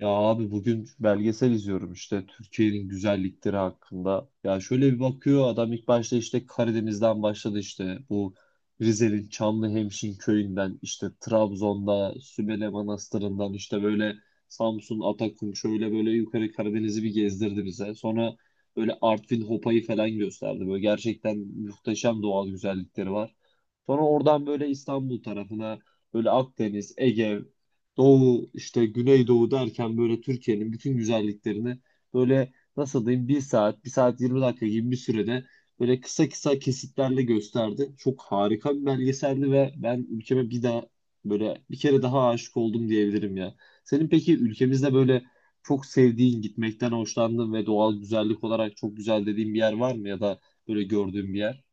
Ya abi bugün belgesel izliyorum işte Türkiye'nin güzellikleri hakkında. Ya şöyle bir bakıyor adam ilk başta işte Karadeniz'den başladı işte bu Rize'nin Çamlıhemşin köyünden işte Trabzon'da Sümele Manastırı'ndan işte böyle Samsun, Atakum şöyle böyle yukarı Karadeniz'i bir gezdirdi bize. Sonra böyle Artvin Hopa'yı falan gösterdi. Böyle gerçekten muhteşem doğal güzellikleri var. Sonra oradan böyle İstanbul tarafına böyle Akdeniz, Ege, Doğu işte Güneydoğu derken böyle Türkiye'nin bütün güzelliklerini böyle nasıl diyeyim bir saat, bir saat 20 dakika gibi bir sürede böyle kısa kısa kesitlerle gösterdi. Çok harika bir belgeseldi ve ben ülkeme bir daha böyle bir kere daha aşık oldum diyebilirim ya. Senin peki ülkemizde böyle çok sevdiğin, gitmekten hoşlandığın ve doğal güzellik olarak çok güzel dediğin bir yer var mı ya da böyle gördüğün bir yer?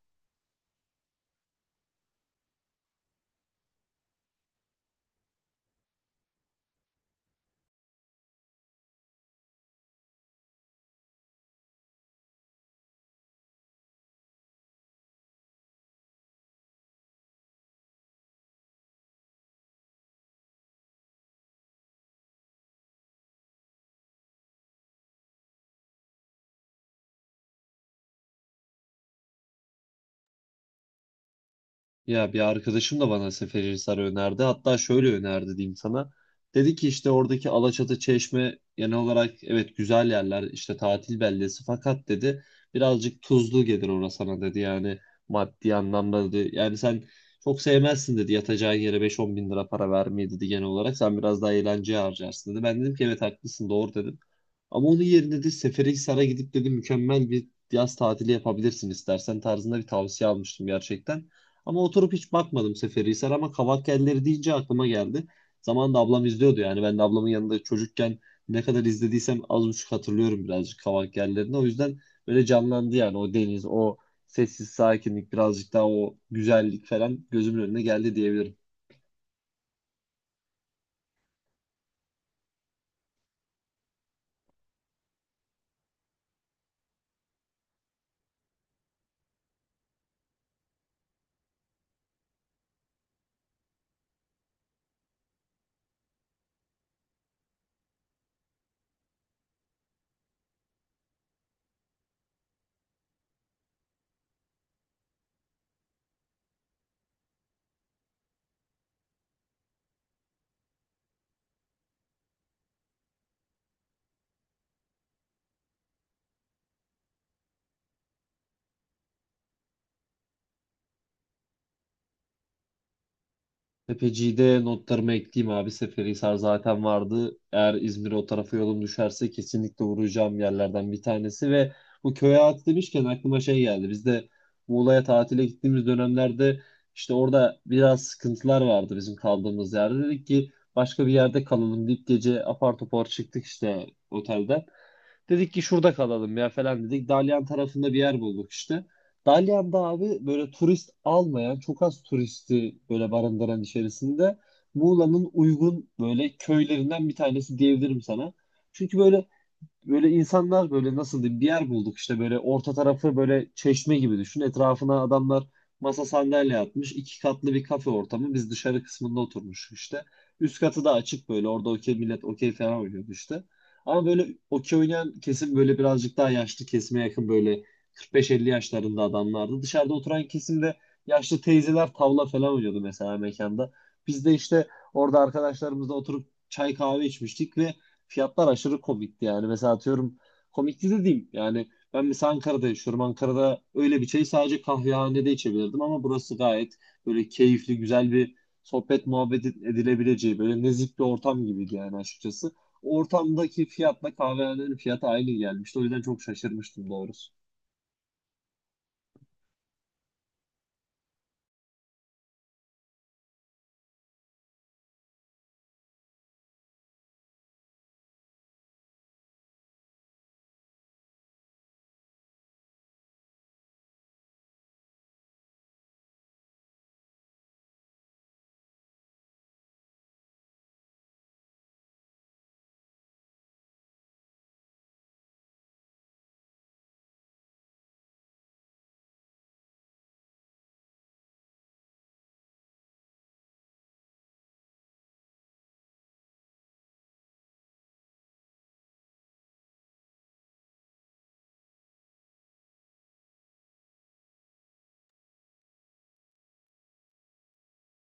Ya bir arkadaşım da bana Seferihisar önerdi. Hatta şöyle önerdi diyeyim sana. Dedi ki işte oradaki Alaçatı, Çeşme genel olarak evet güzel yerler işte tatil beldesi, fakat dedi birazcık tuzlu gelir orası sana dedi yani maddi anlamda dedi. Yani sen çok sevmezsin dedi yatacağın yere 5-10 bin lira para vermeyi dedi, genel olarak sen biraz daha eğlenceye harcarsın dedi. Ben dedim ki evet haklısın doğru dedim. Ama onun yerine de Seferihisar'a gidip dedi mükemmel bir yaz tatili yapabilirsin istersen tarzında bir tavsiye almıştım gerçekten. Ama oturup hiç bakmadım Seferihisar ama Kavakkelleri deyince aklıma geldi. Zamanında ablam izliyordu yani ben de ablamın yanında çocukken ne kadar izlediysem az buçuk hatırlıyorum birazcık Kavakkellerini. O yüzden böyle canlandı yani o deniz, o sessiz sakinlik, birazcık daha o güzellik falan gözümün önüne geldi diyebilirim. Tepeci'de notlarımı ekleyeyim abi. Seferihisar zaten vardı. Eğer İzmir'e o tarafa yolum düşerse kesinlikle uğrayacağım yerlerden bir tanesi, ve bu köy hayatı demişken aklıma şey geldi. Biz de Muğla'ya tatile gittiğimiz dönemlerde işte orada biraz sıkıntılar vardı bizim kaldığımız yerde. Dedik ki başka bir yerde kalalım deyip gece apar topar çıktık işte otelden. Dedik ki şurada kalalım ya falan dedik. Dalyan tarafında bir yer bulduk işte. Dalyan'da abi böyle turist almayan, çok az turisti böyle barındıran içerisinde Muğla'nın uygun böyle köylerinden bir tanesi diyebilirim sana. Çünkü böyle böyle insanlar böyle nasıl diyeyim bir yer bulduk işte, böyle orta tarafı böyle çeşme gibi düşün. Etrafına adamlar masa sandalye atmış. İki katlı bir kafe ortamı. Biz dışarı kısmında oturmuş işte. Üst katı da açık, böyle orada okey millet okey falan oynuyordu işte. Ama böyle okey oynayan kesim böyle birazcık daha yaşlı kesime yakın, böyle 45-50 yaşlarında adamlardı. Dışarıda oturan kesimde yaşlı teyzeler tavla falan oynuyordu mesela mekanda. Biz de işte orada arkadaşlarımızla oturup çay kahve içmiştik ve fiyatlar aşırı komikti yani. Mesela atıyorum komikti de diyeyim. Yani ben mesela Ankara'da yaşıyorum. Ankara'da öyle bir çayı sadece kahvehanede içebilirdim ama burası gayet böyle keyifli, güzel bir sohbet muhabbet edilebileceği böyle nezih bir ortam gibiydi yani açıkçası. Ortamdaki fiyatla kahvehanenin fiyatı aynı gelmişti. O yüzden çok şaşırmıştım doğrusu.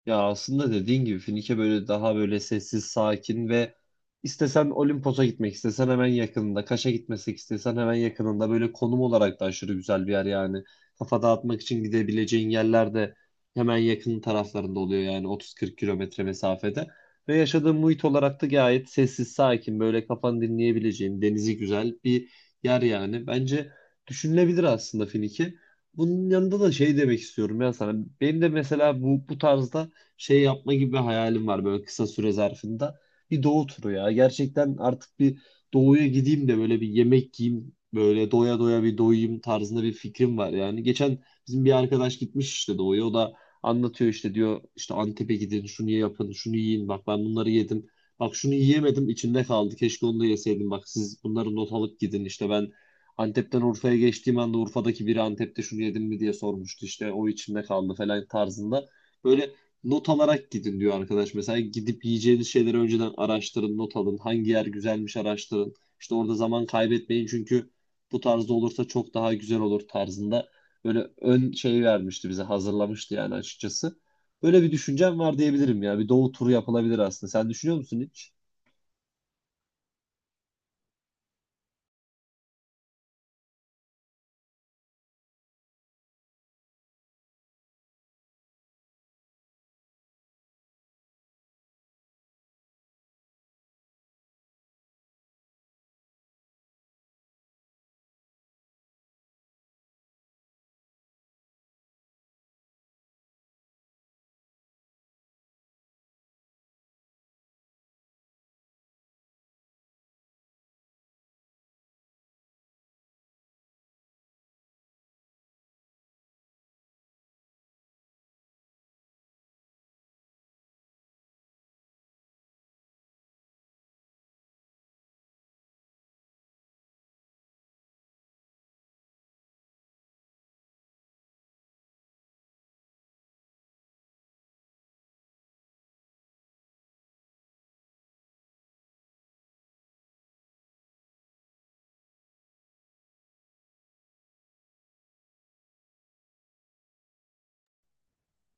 Ya aslında dediğin gibi Finike böyle daha böyle sessiz, sakin ve istesen Olimpos'a gitmek istesen hemen yakınında, Kaş'a gitmesek istesen hemen yakınında, böyle konum olarak da aşırı güzel bir yer yani. Kafa dağıtmak için gidebileceğin yerler de hemen yakın taraflarında oluyor yani, 30-40 kilometre mesafede. Ve yaşadığın muhit olarak da gayet sessiz, sakin, böyle kafanı dinleyebileceğin, denizi güzel bir yer yani. Bence düşünülebilir aslında Finike. Bunun yanında da şey demek istiyorum ya sana. Benim de mesela bu tarzda şey yapma gibi bir hayalim var böyle kısa süre zarfında. Bir doğu turu ya. Gerçekten artık bir doğuya gideyim de böyle bir yemek yiyeyim. Böyle doya doya bir doyayım tarzında bir fikrim var yani. Geçen bizim bir arkadaş gitmiş işte doğuya. O da anlatıyor işte diyor işte Antep'e gidin şunu yapın şunu yiyin bak ben bunları yedim. Bak şunu yiyemedim içimde kaldı. Keşke onu da yeseydim. Bak siz bunları not alıp gidin. İşte ben Antep'ten Urfa'ya geçtiğim anda Urfa'daki biri Antep'te şunu yedim mi diye sormuştu. İşte o içimde kaldı falan tarzında. Böyle not alarak gidin diyor arkadaş. Mesela gidip yiyeceğiniz şeyleri önceden araştırın, not alın. Hangi yer güzelmiş araştırın. İşte orada zaman kaybetmeyin çünkü bu tarzda olursa çok daha güzel olur tarzında. Böyle ön şey vermişti bize, hazırlamıştı yani açıkçası. Böyle bir düşüncem var diyebilirim ya. Bir doğu turu yapılabilir aslında. Sen düşünüyor musun hiç?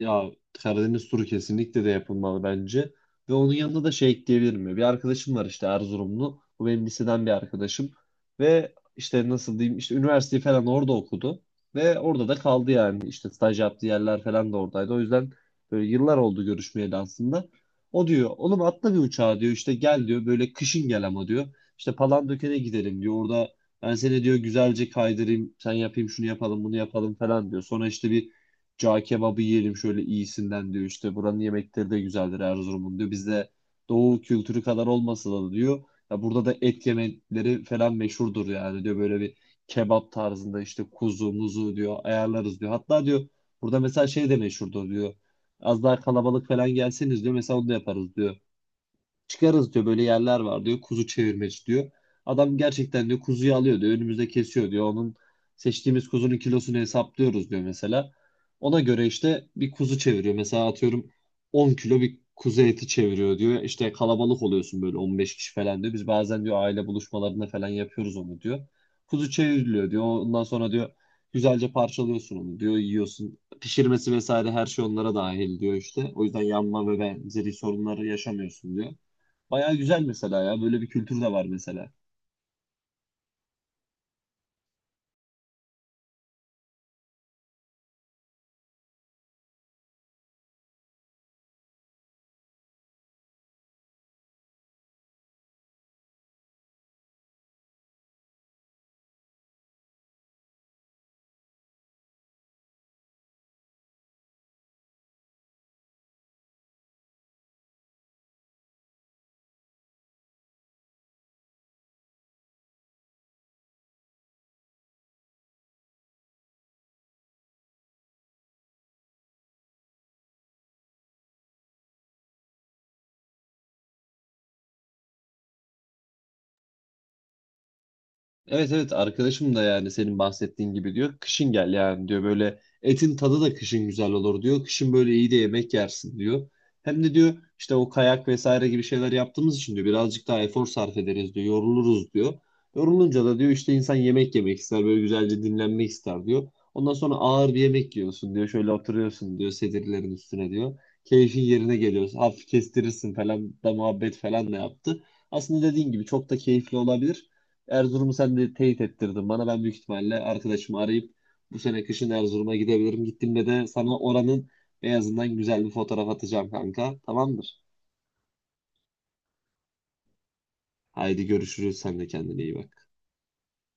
Ya Karadeniz turu kesinlikle de yapılmalı bence. Ve onun yanında da şey ekleyebilir mi? Bir arkadaşım var işte Erzurumlu. Bu benim liseden bir arkadaşım. Ve işte nasıl diyeyim işte üniversiteyi falan orada okudu. Ve orada da kaldı yani. İşte staj yaptığı yerler falan da oradaydı. O yüzden böyle yıllar oldu görüşmeyeli aslında. O diyor oğlum atla bir uçağa diyor işte gel diyor böyle kışın gel ama diyor. İşte Palandöken'e gidelim diyor. Orada ben seni diyor güzelce kaydırayım. Sen yapayım şunu yapalım bunu yapalım falan diyor. Sonra işte bir Cağ kebabı yiyelim şöyle iyisinden diyor. İşte buranın yemekleri de güzeldir Erzurum'un diyor. Bizde doğu kültürü kadar olmasa da diyor. Ya burada da et yemekleri falan meşhurdur yani diyor. Böyle bir kebap tarzında işte kuzu muzu diyor ayarlarız diyor. Hatta diyor burada mesela şey de meşhurdur diyor. Az daha kalabalık falan gelseniz diyor mesela onu da yaparız diyor. Çıkarız diyor böyle yerler var diyor. Kuzu çevirmeci diyor. Adam gerçekten diyor kuzuyu alıyor diyor. Önümüzde kesiyor diyor. Onun seçtiğimiz kuzunun kilosunu hesaplıyoruz diyor mesela. Ona göre işte bir kuzu çeviriyor. Mesela atıyorum 10 kilo bir kuzu eti çeviriyor diyor. İşte kalabalık oluyorsun böyle 15 kişi falan diyor. Biz bazen diyor aile buluşmalarında falan yapıyoruz onu diyor. Kuzu çevriliyor diyor. Ondan sonra diyor güzelce parçalıyorsun onu diyor. Yiyorsun. Pişirmesi vesaire her şey onlara dahil diyor işte. O yüzden yanma ve benzeri sorunları yaşamıyorsun diyor. Bayağı güzel mesela ya. Böyle bir kültür de var mesela. Evet, evet, arkadaşım da yani senin bahsettiğin gibi diyor. Kışın gel yani diyor böyle etin tadı da kışın güzel olur diyor. Kışın böyle iyi de yemek yersin diyor. Hem de diyor işte o kayak vesaire gibi şeyler yaptığımız için diyor birazcık daha efor sarf ederiz diyor. Yoruluruz diyor. Yorulunca da diyor işte insan yemek yemek ister böyle güzelce dinlenmek ister diyor. Ondan sonra ağır bir yemek yiyorsun diyor. Şöyle oturuyorsun diyor sedirlerin üstüne diyor. Keyfin yerine geliyorsun. Hafif kestirirsin falan da muhabbet falan da yaptı. Aslında dediğin gibi çok da keyifli olabilir. Erzurum'u sen de teyit ettirdin bana. Ben büyük ihtimalle arkadaşımı arayıp bu sene kışın Erzurum'a gidebilirim. Gittiğimde de sana oranın beyazından güzel bir fotoğraf atacağım kanka. Tamamdır. Haydi görüşürüz. Sen de kendine iyi bak.